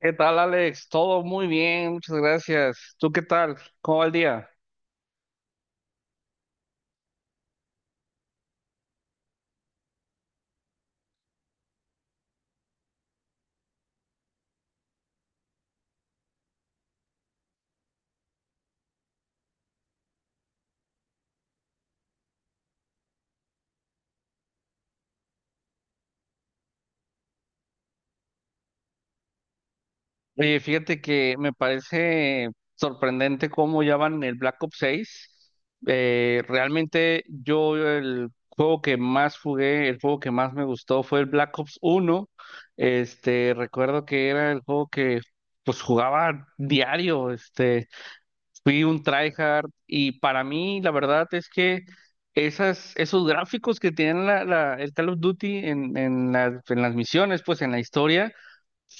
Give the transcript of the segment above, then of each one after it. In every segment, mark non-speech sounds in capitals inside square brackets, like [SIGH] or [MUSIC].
¿Qué tal, Alex? Todo muy bien, muchas gracias. ¿Tú qué tal? ¿Cómo va el día? Oye, fíjate que me parece sorprendente cómo ya van en el Black Ops 6. Realmente yo el juego que más jugué, el juego que más me gustó fue el Black Ops 1. Recuerdo que era el juego que pues jugaba diario. Fui un tryhard y para mí la verdad es que esos gráficos que tienen el Call of Duty en en las misiones, pues en la historia,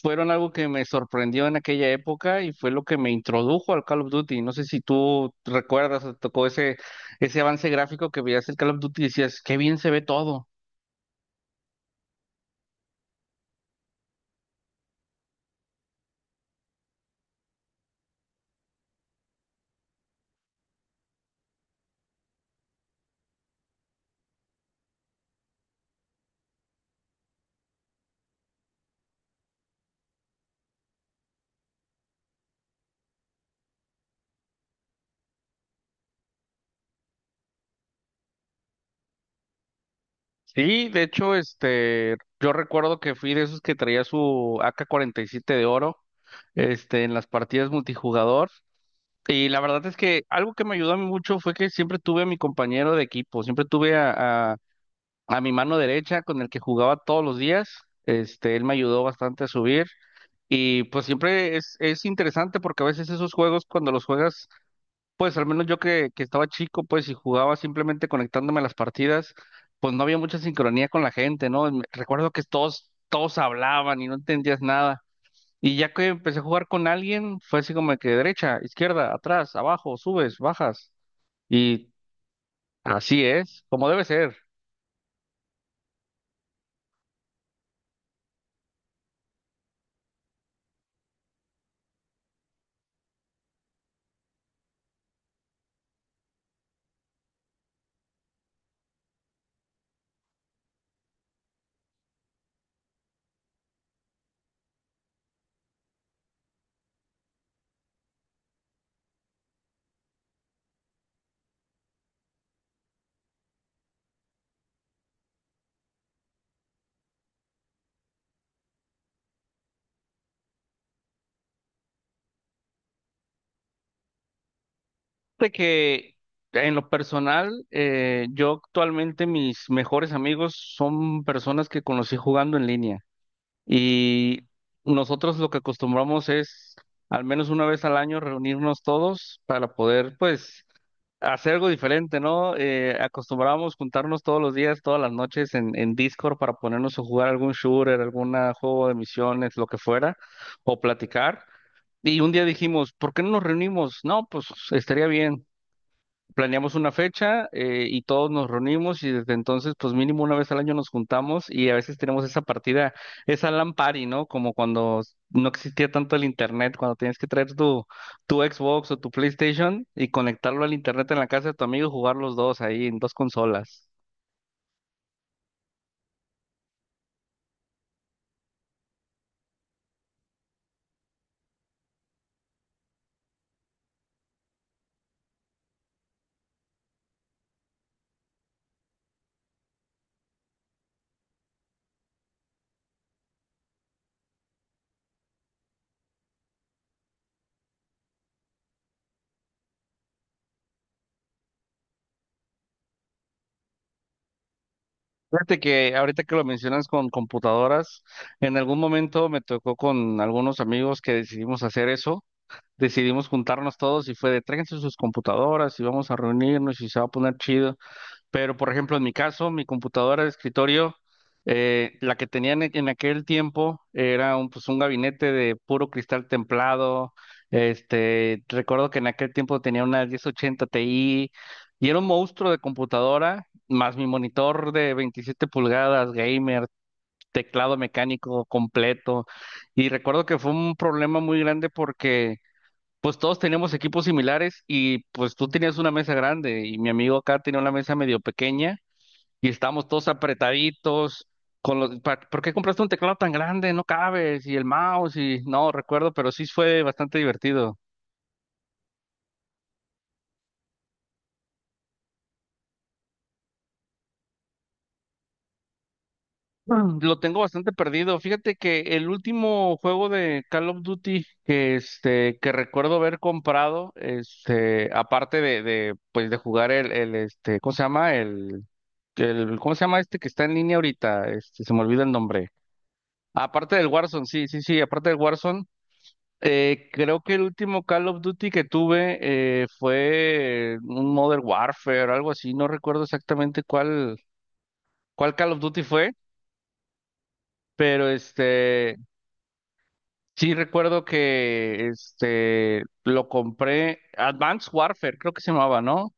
fueron algo que me sorprendió en aquella época y fue lo que me introdujo al Call of Duty. No sé si tú recuerdas o te tocó ese avance gráfico que veías el Call of Duty y decías, qué bien se ve todo. Sí, de hecho, yo recuerdo que fui de esos que traía su AK-47 de oro, en las partidas multijugador. Y la verdad es que algo que me ayudó a mí mucho fue que siempre tuve a mi compañero de equipo, siempre tuve a mi mano derecha con el que jugaba todos los días. Él me ayudó bastante a subir y pues siempre es interesante porque a veces esos juegos cuando los juegas, pues al menos yo que estaba chico, pues y jugaba simplemente conectándome a las partidas, pues no había mucha sincronía con la gente, ¿no? Recuerdo que todos hablaban y no entendías nada. Y ya que empecé a jugar con alguien, fue así como que derecha, izquierda, atrás, abajo, subes, bajas. Y así es, como debe ser. De que en lo personal, yo actualmente mis mejores amigos son personas que conocí jugando en línea. Y nosotros lo que acostumbramos es al menos una vez al año reunirnos todos para poder, pues, hacer algo diferente, ¿no? Acostumbrábamos juntarnos todos los días, todas las noches en Discord para ponernos a jugar algún shooter, algún juego de misiones, lo que fuera, o platicar. Y un día dijimos, ¿por qué no nos reunimos? No, pues estaría bien, planeamos una fecha, y todos nos reunimos y desde entonces pues mínimo una vez al año nos juntamos y a veces tenemos esa partida, esa LAN party, ¿no? Como cuando no existía tanto el internet, cuando tenías que traer tu Xbox o tu PlayStation y conectarlo al internet en la casa de tu amigo y jugar los dos ahí en dos consolas. Fíjate que ahorita que lo mencionas con computadoras, en algún momento me tocó con algunos amigos que decidimos hacer eso, decidimos juntarnos todos y fue de tráiganse sus computadoras y vamos a reunirnos y se va a poner chido. Pero, por ejemplo, en mi caso, mi computadora de escritorio, la que tenían en aquel tiempo, era pues, un gabinete de puro cristal templado. Recuerdo que en aquel tiempo tenía una 1080 Ti y era un monstruo de computadora, más mi monitor de 27 pulgadas, gamer, teclado mecánico completo. Y recuerdo que fue un problema muy grande porque pues todos teníamos equipos similares y pues tú tenías una mesa grande y mi amigo acá tenía una mesa medio pequeña y estábamos todos apretaditos con ¿por qué compraste un teclado tan grande? No cabes y el mouse y no recuerdo, pero sí fue bastante divertido. [CLEARS THROAT] Mm, lo tengo bastante perdido. Fíjate que el último juego de Call of Duty que recuerdo haber comprado, aparte de pues de jugar ¿cómo se llama? ¿Cómo se llama este que está en línea ahorita? Se me olvida el nombre. Aparte del Warzone, sí, sí, sí, aparte del Warzone, creo que el último Call of Duty que tuve, fue un Modern Warfare, algo así, no recuerdo exactamente cuál Call of Duty fue. Pero sí, recuerdo que este lo compré, Advanced Warfare, creo que se llamaba, ¿no?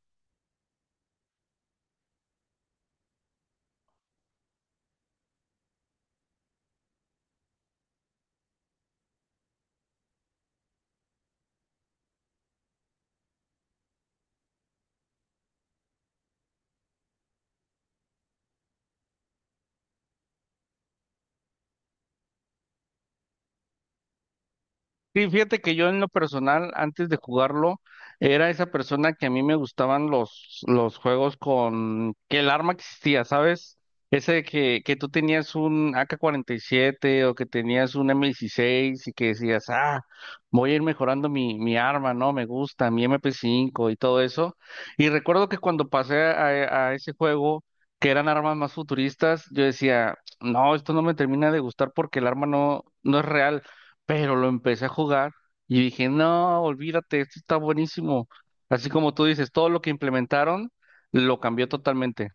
Sí, fíjate que yo en lo personal, antes de jugarlo, era esa persona que a mí me gustaban los juegos con que el arma existía, ¿sabes? Ese que tú tenías un AK-47 o que tenías un M16 y que decías, ah, voy a ir mejorando mi arma, ¿no? Me gusta, mi MP5 y todo eso. Y recuerdo que cuando pasé a ese juego, que eran armas más futuristas, yo decía, no, esto no me termina de gustar porque el arma no es real. Pero lo empecé a jugar y dije, no, olvídate, esto está buenísimo. Así como tú dices, todo lo que implementaron lo cambió totalmente.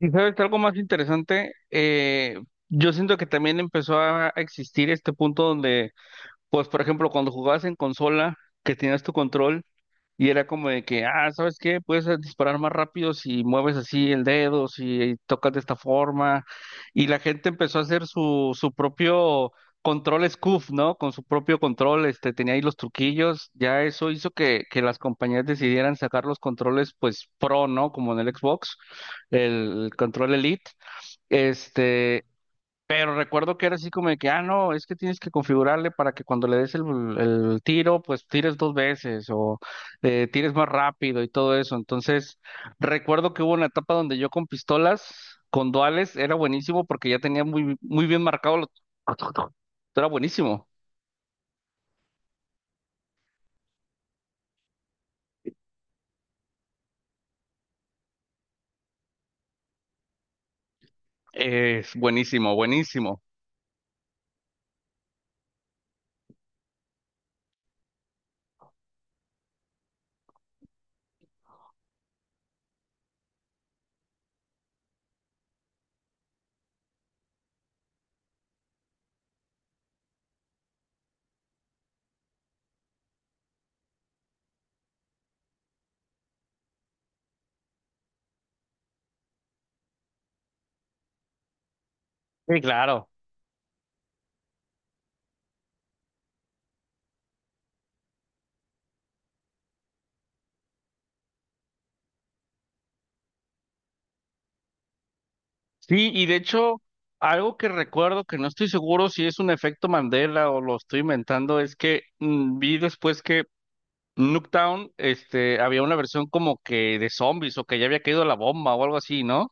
Y sabes, algo más interesante, yo siento que también empezó a existir este punto donde, pues, por ejemplo, cuando jugabas en consola, que tenías tu control. Y era como de que, ah, ¿sabes qué? Puedes, disparar más rápido si mueves así el dedo, si tocas de esta forma. Y la gente empezó a hacer su propio control scoof, ¿no? Con su propio control, tenía ahí los truquillos. Ya eso hizo que las compañías decidieran sacar los controles, pues, pro, ¿no? Como en el Xbox, el control Elite. Este, Recuerdo que era así como de que, ah, no, es que tienes que configurarle para que cuando le des el tiro, pues tires dos veces o tires más rápido y todo eso. Entonces, recuerdo que hubo una etapa donde yo con pistolas, con duales, era buenísimo porque ya tenía muy bien marcado los... [LAUGHS] Era buenísimo. Es buenísimo, buenísimo. Sí, claro. Sí, y de hecho, algo que recuerdo que no estoy seguro si es un efecto Mandela o lo estoy inventando, es que vi después que Nuketown, había una versión como que de zombies o que ya había caído la bomba o algo así, ¿no?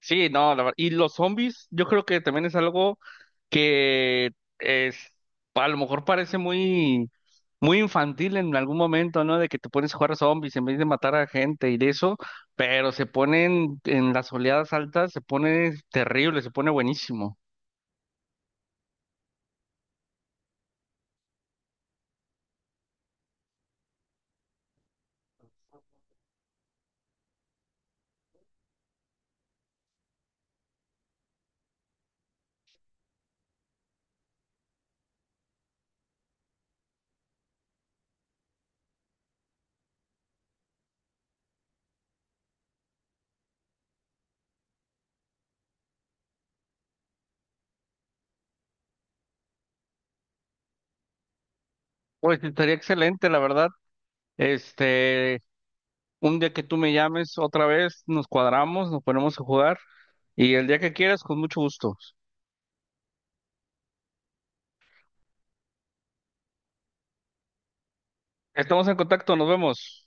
Sí, no, la ver- y los zombies, yo creo que también es algo que es, a lo mejor parece muy, muy infantil en algún momento, ¿no? De que te pones a jugar a zombies en vez de matar a gente y de eso, pero se ponen en las oleadas altas, se pone terrible, se pone buenísimo. Pues estaría excelente, la verdad. Este, Un día que tú me llames otra vez, nos cuadramos, nos ponemos a jugar y el día que quieras, con mucho gusto. Estamos en contacto, nos vemos.